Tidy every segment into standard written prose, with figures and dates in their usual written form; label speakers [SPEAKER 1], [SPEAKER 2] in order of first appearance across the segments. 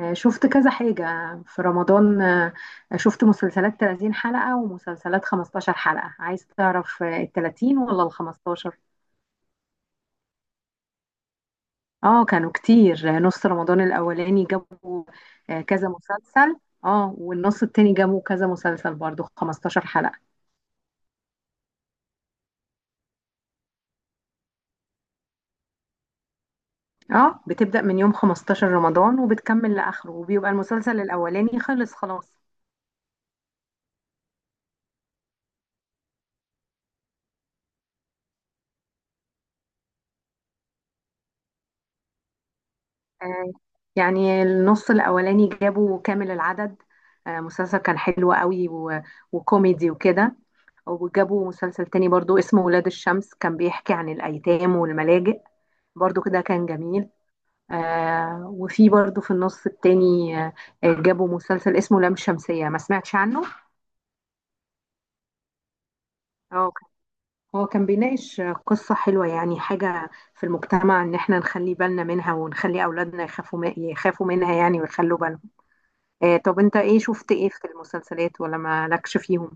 [SPEAKER 1] شفت كذا حاجة في رمضان. شفت مسلسلات 30 حلقة ومسلسلات 15 حلقة. عايز تعرف ال 30 ولا ال 15؟ اه، كانوا كتير. نص رمضان الأولاني جابوا كذا مسلسل. اه، والنص التاني جابوا كذا مسلسل برضو 15 حلقة. اه، بتبدأ من يوم 15 رمضان وبتكمل لآخره، وبيبقى المسلسل الأولاني خلص خلاص. آه، يعني النص الأولاني جابوا كامل العدد. مسلسل كان حلو قوي وكوميدي وكده، وجابوا مسلسل تاني برضو اسمه ولاد الشمس، كان بيحكي عن الأيتام والملاجئ، برضو كده كان جميل. وفي برضو في النص التاني جابوا مسلسل اسمه لام شمسية، ما سمعتش عنه. هو كان هو كان بيناقش قصة حلوة، يعني حاجة في المجتمع إن احنا نخلي بالنا منها ونخلي أولادنا يخافوا يخافوا منها يعني، ويخلوا بالهم. طب انت ايه شفت ايه في المسلسلات ولا مالكش فيهم؟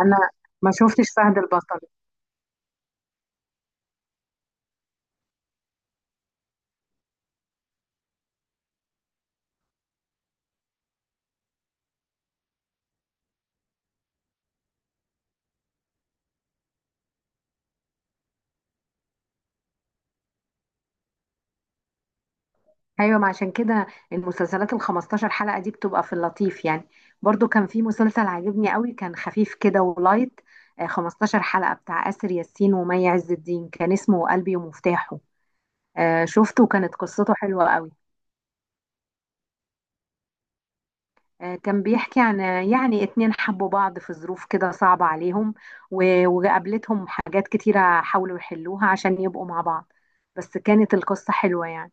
[SPEAKER 1] انا ما شفتش فهد البطل. ايوه، ما عشان كده المسلسلات ال 15 حلقة دي بتبقى في اللطيف يعني. برضو كان في مسلسل عجبني قوي، كان خفيف كده ولايت، 15 حلقة، بتاع آسر ياسين ومي عز الدين، كان اسمه قلبي ومفتاحه. شفته وكانت قصته حلوة قوي. كان بيحكي عن يعني اتنين حبوا بعض في ظروف كده صعبة عليهم، وقابلتهم حاجات كتيرة حاولوا يحلوها عشان يبقوا مع بعض. بس كانت القصة حلوة يعني.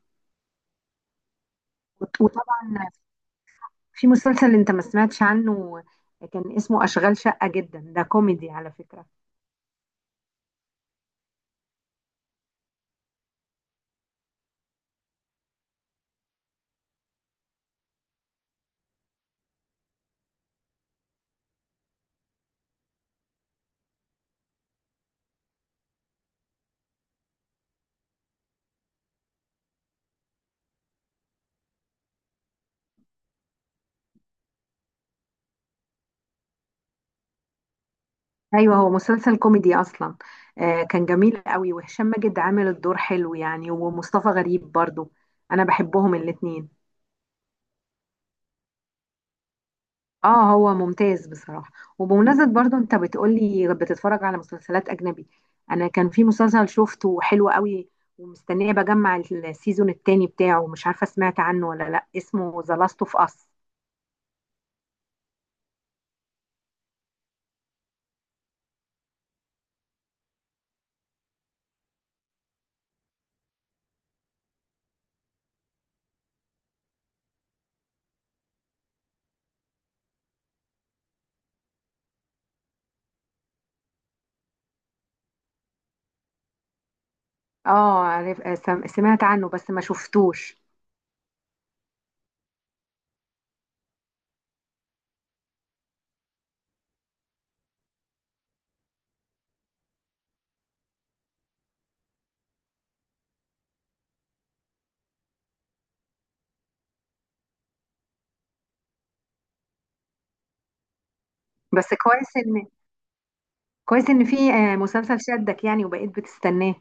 [SPEAKER 1] وطبعا في مسلسل انت ما سمعتش عنه، كان اسمه أشغال شقة، جدا ده كوميدي على فكرة. ايوه، هو مسلسل كوميدي اصلا. كان جميل قوي، وهشام ماجد عامل الدور حلو يعني، ومصطفى غريب برضو، انا بحبهم الاتنين. اه، هو ممتاز بصراحة. وبمناسبة برضو انت بتقولي بتتفرج على مسلسلات اجنبي، انا كان في مسلسل شفته حلو قوي، ومستنية بجمع السيزون التاني بتاعه، مش عارفة سمعت عنه ولا لا، اسمه ذا لاست اوف اس. اه، عارف، سمعت عنه بس ما شفتوش. بس كويس ان في مسلسل شدك يعني وبقيت بتستناه.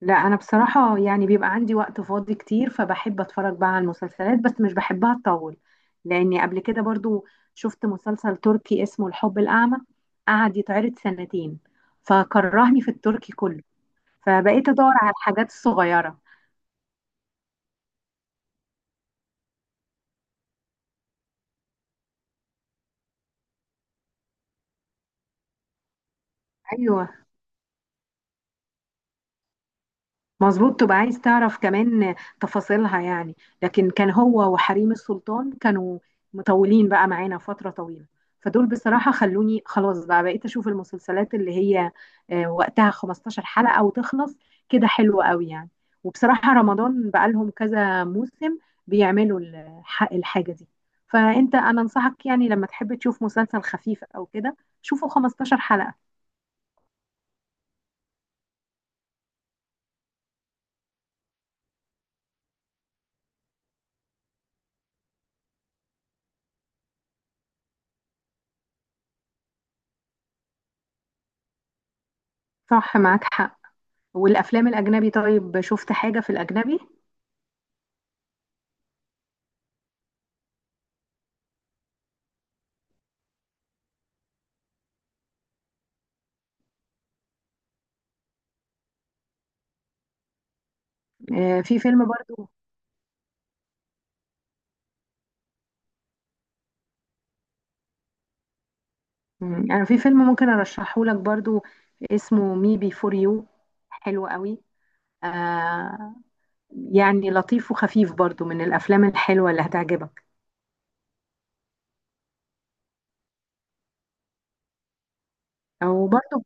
[SPEAKER 1] لا، انا بصراحه يعني بيبقى عندي وقت فاضي كتير، فبحب اتفرج بقى على المسلسلات، بس مش بحبها تطول. لاني قبل كده برضو شفت مسلسل تركي اسمه الحب الاعمى، قعد يتعرض سنتين، فكرهني في التركي كله، فبقيت ادور على الحاجات الصغيره. ايوه، مظبوط، تبقى عايز تعرف كمان تفاصيلها يعني. لكن كان هو وحريم السلطان كانوا مطولين بقى معانا فترة طويلة، فدول بصراحة خلوني خلاص، بقى بقيت أشوف المسلسلات اللي هي وقتها 15 حلقة وتخلص، كده حلوة قوي يعني. وبصراحة رمضان بقى لهم كذا موسم بيعملوا الحاجة دي. أنا أنصحك يعني لما تحب تشوف مسلسل خفيف أو كده، شوفه 15 حلقة. صح، معاك حق. والأفلام الأجنبي؟ طيب شفت حاجة في الأجنبي؟ في فيلم برضو. انا في فيلم ممكن ارشحه لك برضو، اسمه مي بي فور يو، حلو قوي. آه، يعني لطيف وخفيف برضو، من الافلام الحلوه اللي هتعجبك. او برضو.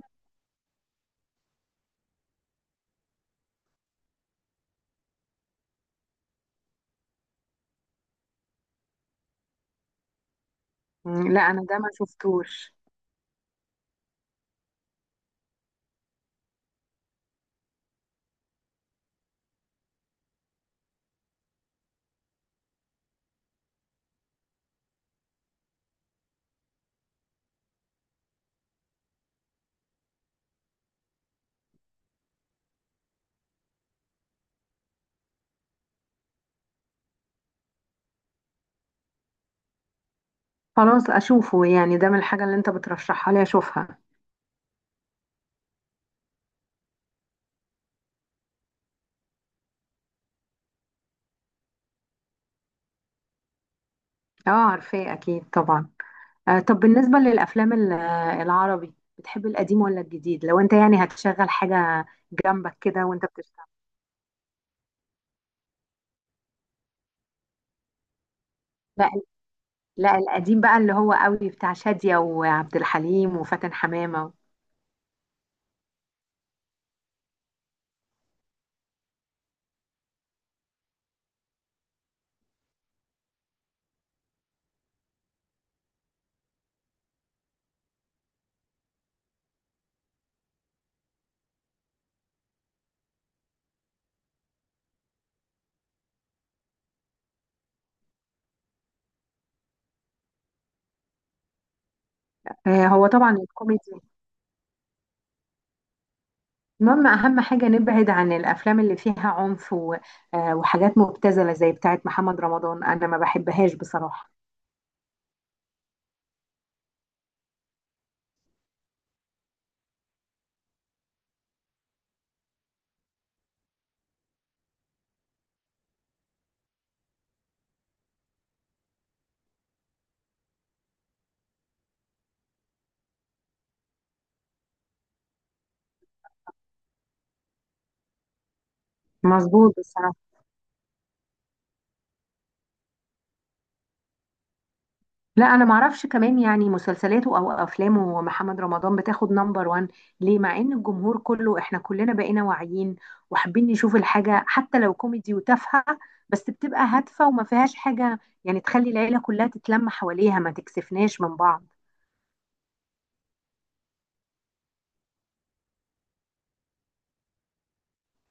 [SPEAKER 1] لا، انا ده ما شفتوش. خلاص، اشوفه يعني، ده من الحاجه اللي انت بترشحها لي اشوفها. اه، عارفاه اكيد طبعا. آه، طب بالنسبه للافلام العربي، بتحب القديم ولا الجديد، لو انت يعني هتشغل حاجه جنبك كده وانت بتشتغل؟ لا. لا، القديم بقى اللي هو قوي، بتاع شادية وعبد الحليم وفاتن حمامة. هو طبعا الكوميدي، المهم أهم حاجة نبعد عن الأفلام اللي فيها عنف وحاجات مبتذلة زي بتاعة محمد رمضان، أنا ما بحبهاش بصراحة. مظبوط بس. لا، انا معرفش كمان يعني مسلسلاته او افلامه محمد رمضان بتاخد نمبر وان ليه، مع ان الجمهور كله احنا كلنا بقينا واعيين، وحابين نشوف الحاجة حتى لو كوميدي وتافهة، بس بتبقى هادفة وما فيهاش حاجة يعني تخلي العيلة كلها تتلم حواليها، ما تكسفناش من بعض.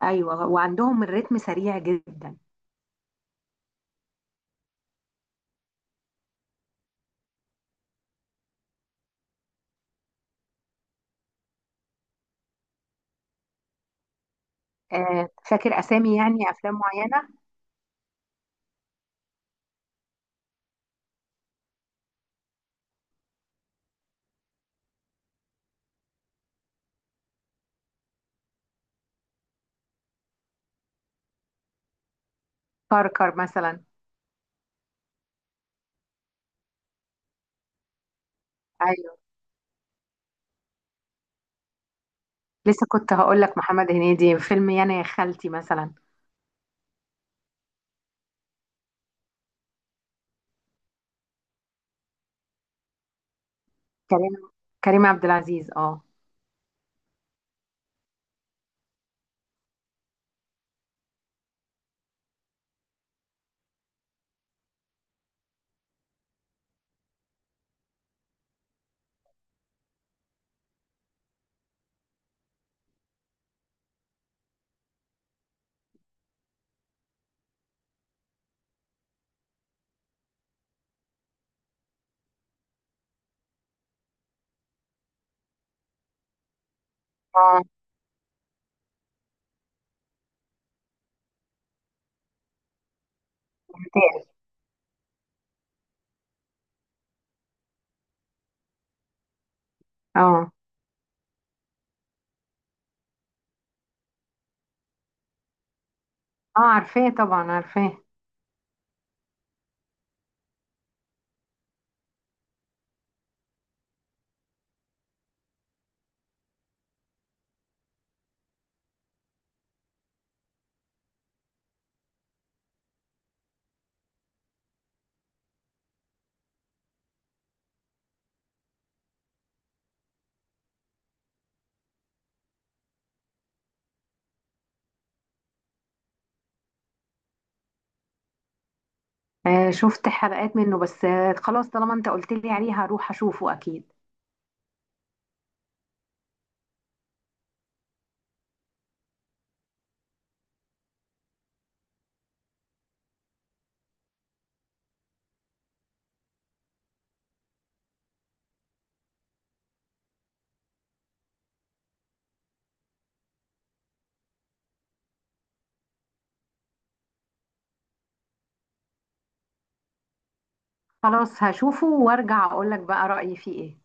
[SPEAKER 1] ايوه، وعندهم الريتم سريع جدا. فاكر اسامي يعني افلام معينة؟ كركر مثلا. ايوه، لسه كنت هقول لك محمد هنيدي، فيلم يانا يا خالتي مثلا. كريم كريم عبد العزيز، اه. تاني. اه، اه، عارفاه طبعا، عارفاه. آه، شفت حلقات منه بس، آه خلاص طالما انت قلت لي عليه هروح اشوفه اكيد. خلاص، هشوفه وارجع اقول لك بقى رأيي فيه ايه.